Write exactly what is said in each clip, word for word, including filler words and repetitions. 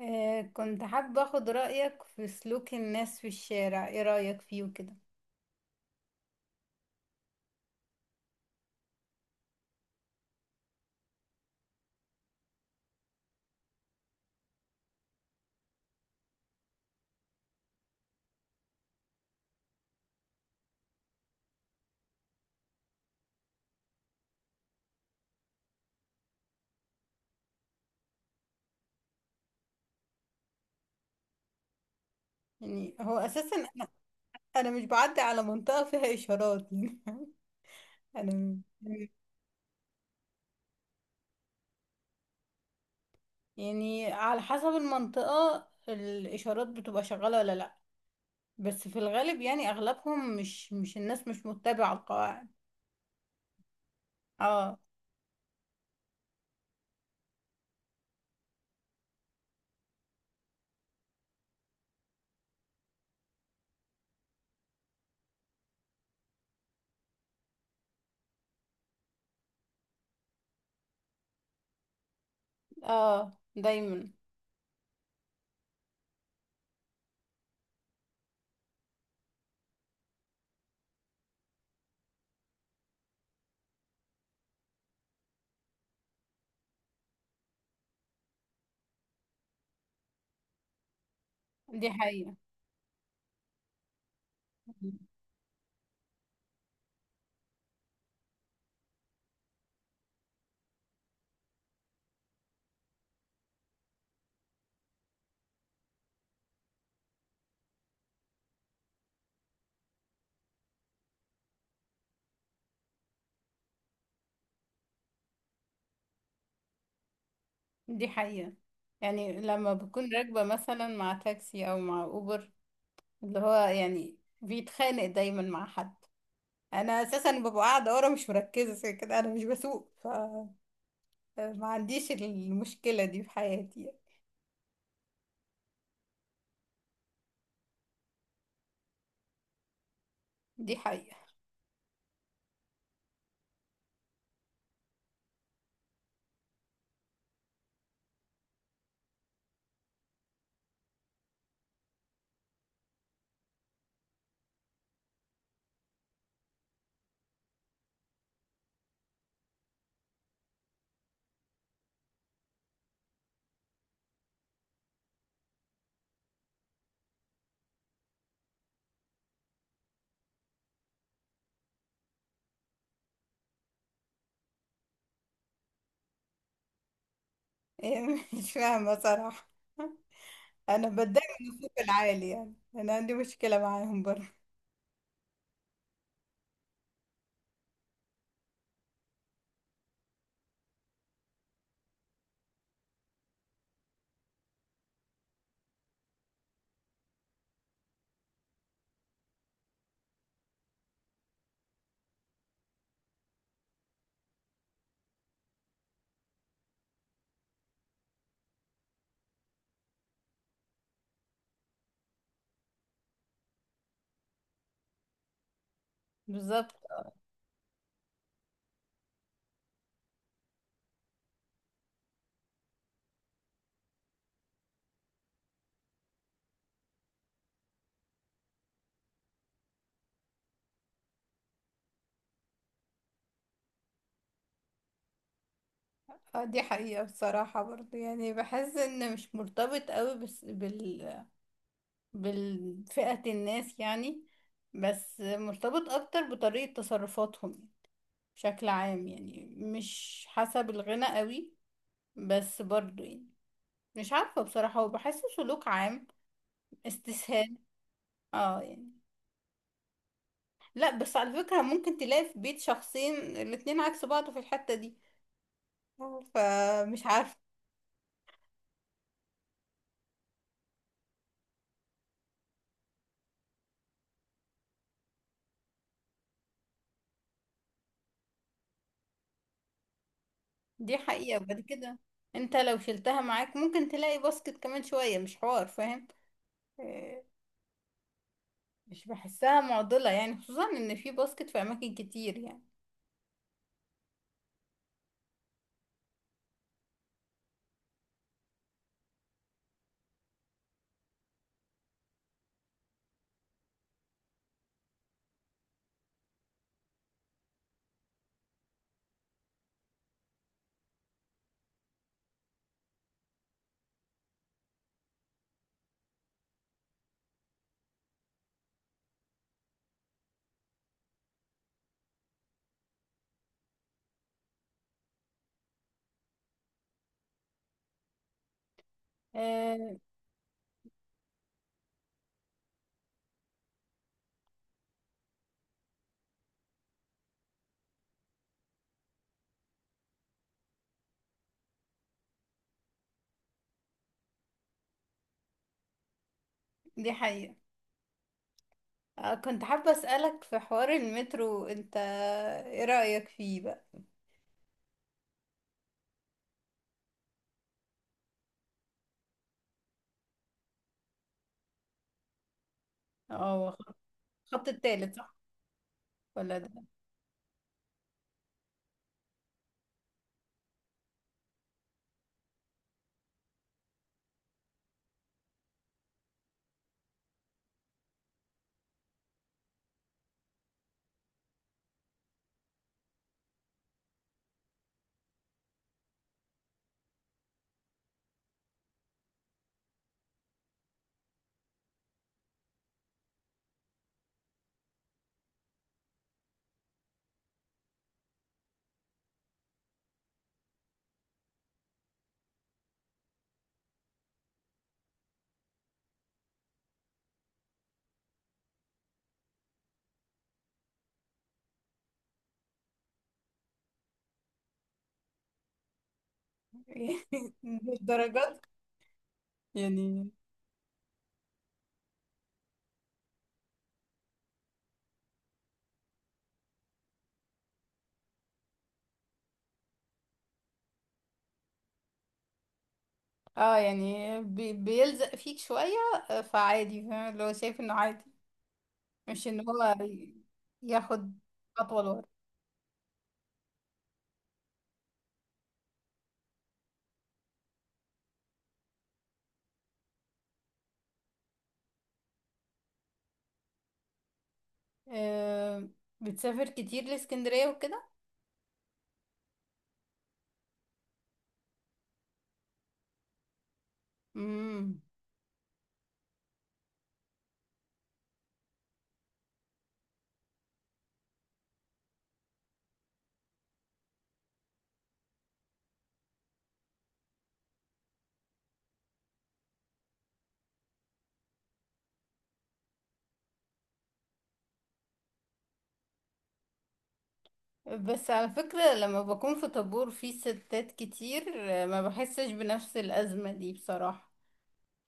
آه، كنت حابة اخد رأيك في سلوك الناس في الشارع. ايه رأيك فيه وكده؟ يعني هو اساسا انا انا مش بعدي على منطقة فيها اشارات. يعني انا. يعني على حسب المنطقة الاشارات بتبقى شغالة ولا لا. بس في الغالب يعني اغلبهم مش مش، الناس مش متبعة القواعد. اه. اه دايما. دي حقيقة. دي حقيقة، يعني لما بكون راكبة مثلا مع تاكسي او مع اوبر، اللي هو يعني بيتخانق دايما مع حد. انا اساسا ببقى قاعده ورا، مش مركزه زي كده، انا مش بسوق فما عنديش المشكله دي في حياتي. دي حقيقه. مش فاهمه صراحه. انا بتضايق من الصوت العالي، يعني انا عندي مشكله معاهم برضه. بالظبط. آه، دي حقيقه بصراحه برضه، يعني بحس ان مش مرتبط قوي بس بال بالفئه الناس يعني، بس مرتبط اكتر بطريقه تصرفاتهم بشكل عام، يعني مش حسب الغنى قوي بس برضو، يعني مش عارفة بصراحة، وبحسه سلوك عام، استسهال. اه يعني. لا بس على فكرة ممكن تلاقي في بيت شخصين الاتنين عكس بعض في الحتة دي، فمش عارفة. دي حقيقة. وبعد كده انت لو شلتها معاك ممكن تلاقي باسكت كمان شوية، مش حوار فاهم. آه، مش بحسها معضلة يعني، خصوصا ان في باسكت في اماكن كتير يعني. آه، دي حقيقة. آه، كنت حابة أسألك في حوار المترو انت. ايه رأيك فيه بقى؟ اه، هو خ- الخط التالت صح؟ ولا ده؟ مش درجات يعني. اه يعني بي بيلزق فيك شوية، آه، فعادي. فاهم اللي هو شايف انه عادي، مش ان هو ي- ياخد خطوة لورا. آه، بتسافر كتير لإسكندرية وكده؟ امم. بس على فكرة لما بكون في طابور فيه ستات كتير، آه، ما بحسش بنفس الأزمة دي بصراحة.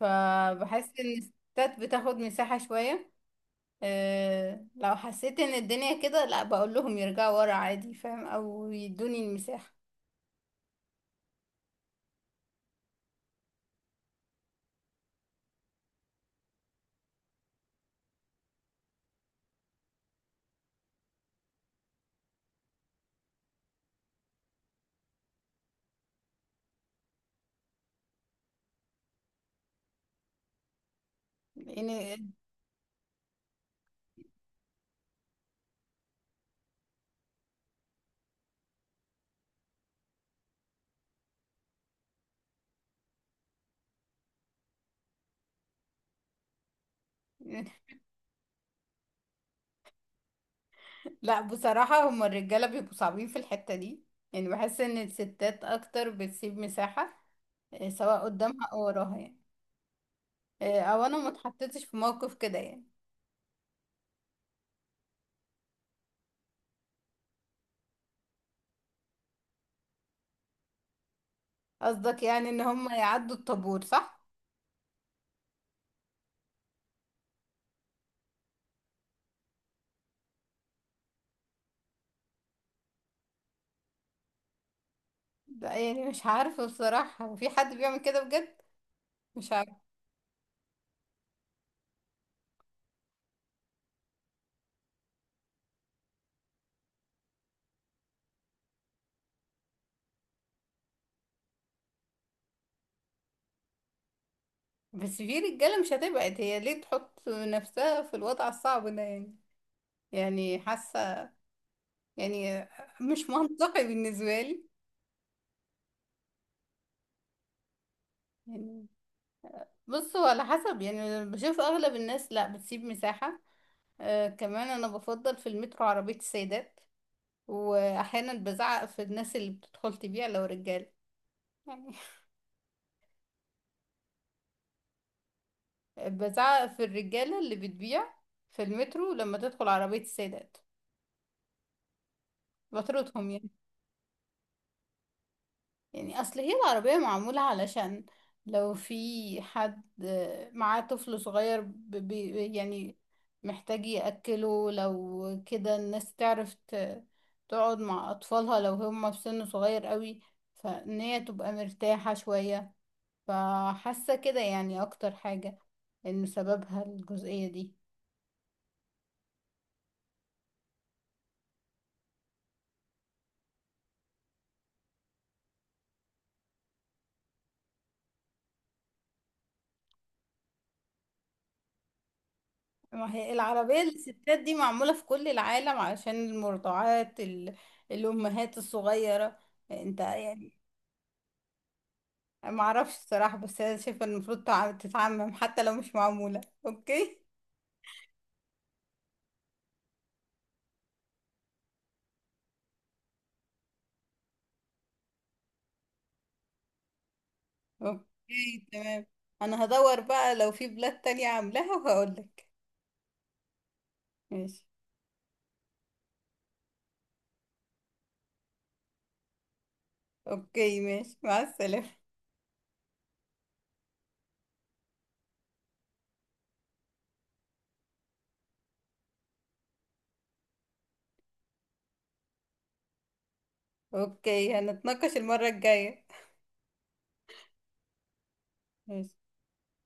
فبحس ان الستات بتاخد مساحة شوية. أه لو حسيت ان الدنيا كده، لا بقول لهم يرجعوا ورا عادي، فاهم، او يدوني المساحة. لان. لا بصراحة، هما الرجالة بيبقوا صعبين في الحتة دي. يعني بحس ان الستات اكتر بتسيب مساحة، آه، سواء قدامها او وراها يعني. آه، او انا ما اتحطيتش في موقف كده يعني. قصدك يعني ان هما يعدوا الطابور صح؟ ده يعني مش عارفة بصراحة. وفي حد بيعمل كده بجد؟ مش بس في رجالة مش هتبعد. هي ليه تحط نفسها في الوضع الصعب ده يعني؟ يعني حاسة، يعني مش منطقي بالنسبة لي. يعني بص، هو على حسب، يعني بشوف أغلب الناس لا بتسيب مساحة. آه، كمان أنا بفضل في المترو عربية السيدات. وأحيانا بزعق في الناس اللي بتدخل تبيع لو رجالة يعني. بزعق في الرجالة اللي بتبيع في المترو لما تدخل عربية السيدات، بطردهم يعني. يعني اصل هي العربية معمولة علشان لو في حد معاه طفل صغير ب- ب- يعني محتاج يأكله. لو كده الناس تعرف ت- تقعد مع أطفالها لو هم في سن صغير قوي، فإن هي تبقى مرتاحة شوية. فحاسة كده يعني أكتر حاجة إن سببها الجزئية دي. ما هي العربية للستات دي معمولة في كل العالم علشان المرضعات، ال- الأمهات الصغيرة. انت يعني؟ ما اعرفش الصراحه، بس انا شايفه إن المفروض تع- تتعمم، حتى لو مش معموله. اوكي. اوكي تمام. انا هدور بقى لو في بلاد تانية عاملاها وهقول لك. ماشي. اوكي، ماشي مع السلامه. اوكي، هنتناقش المره الجايه. ماشي.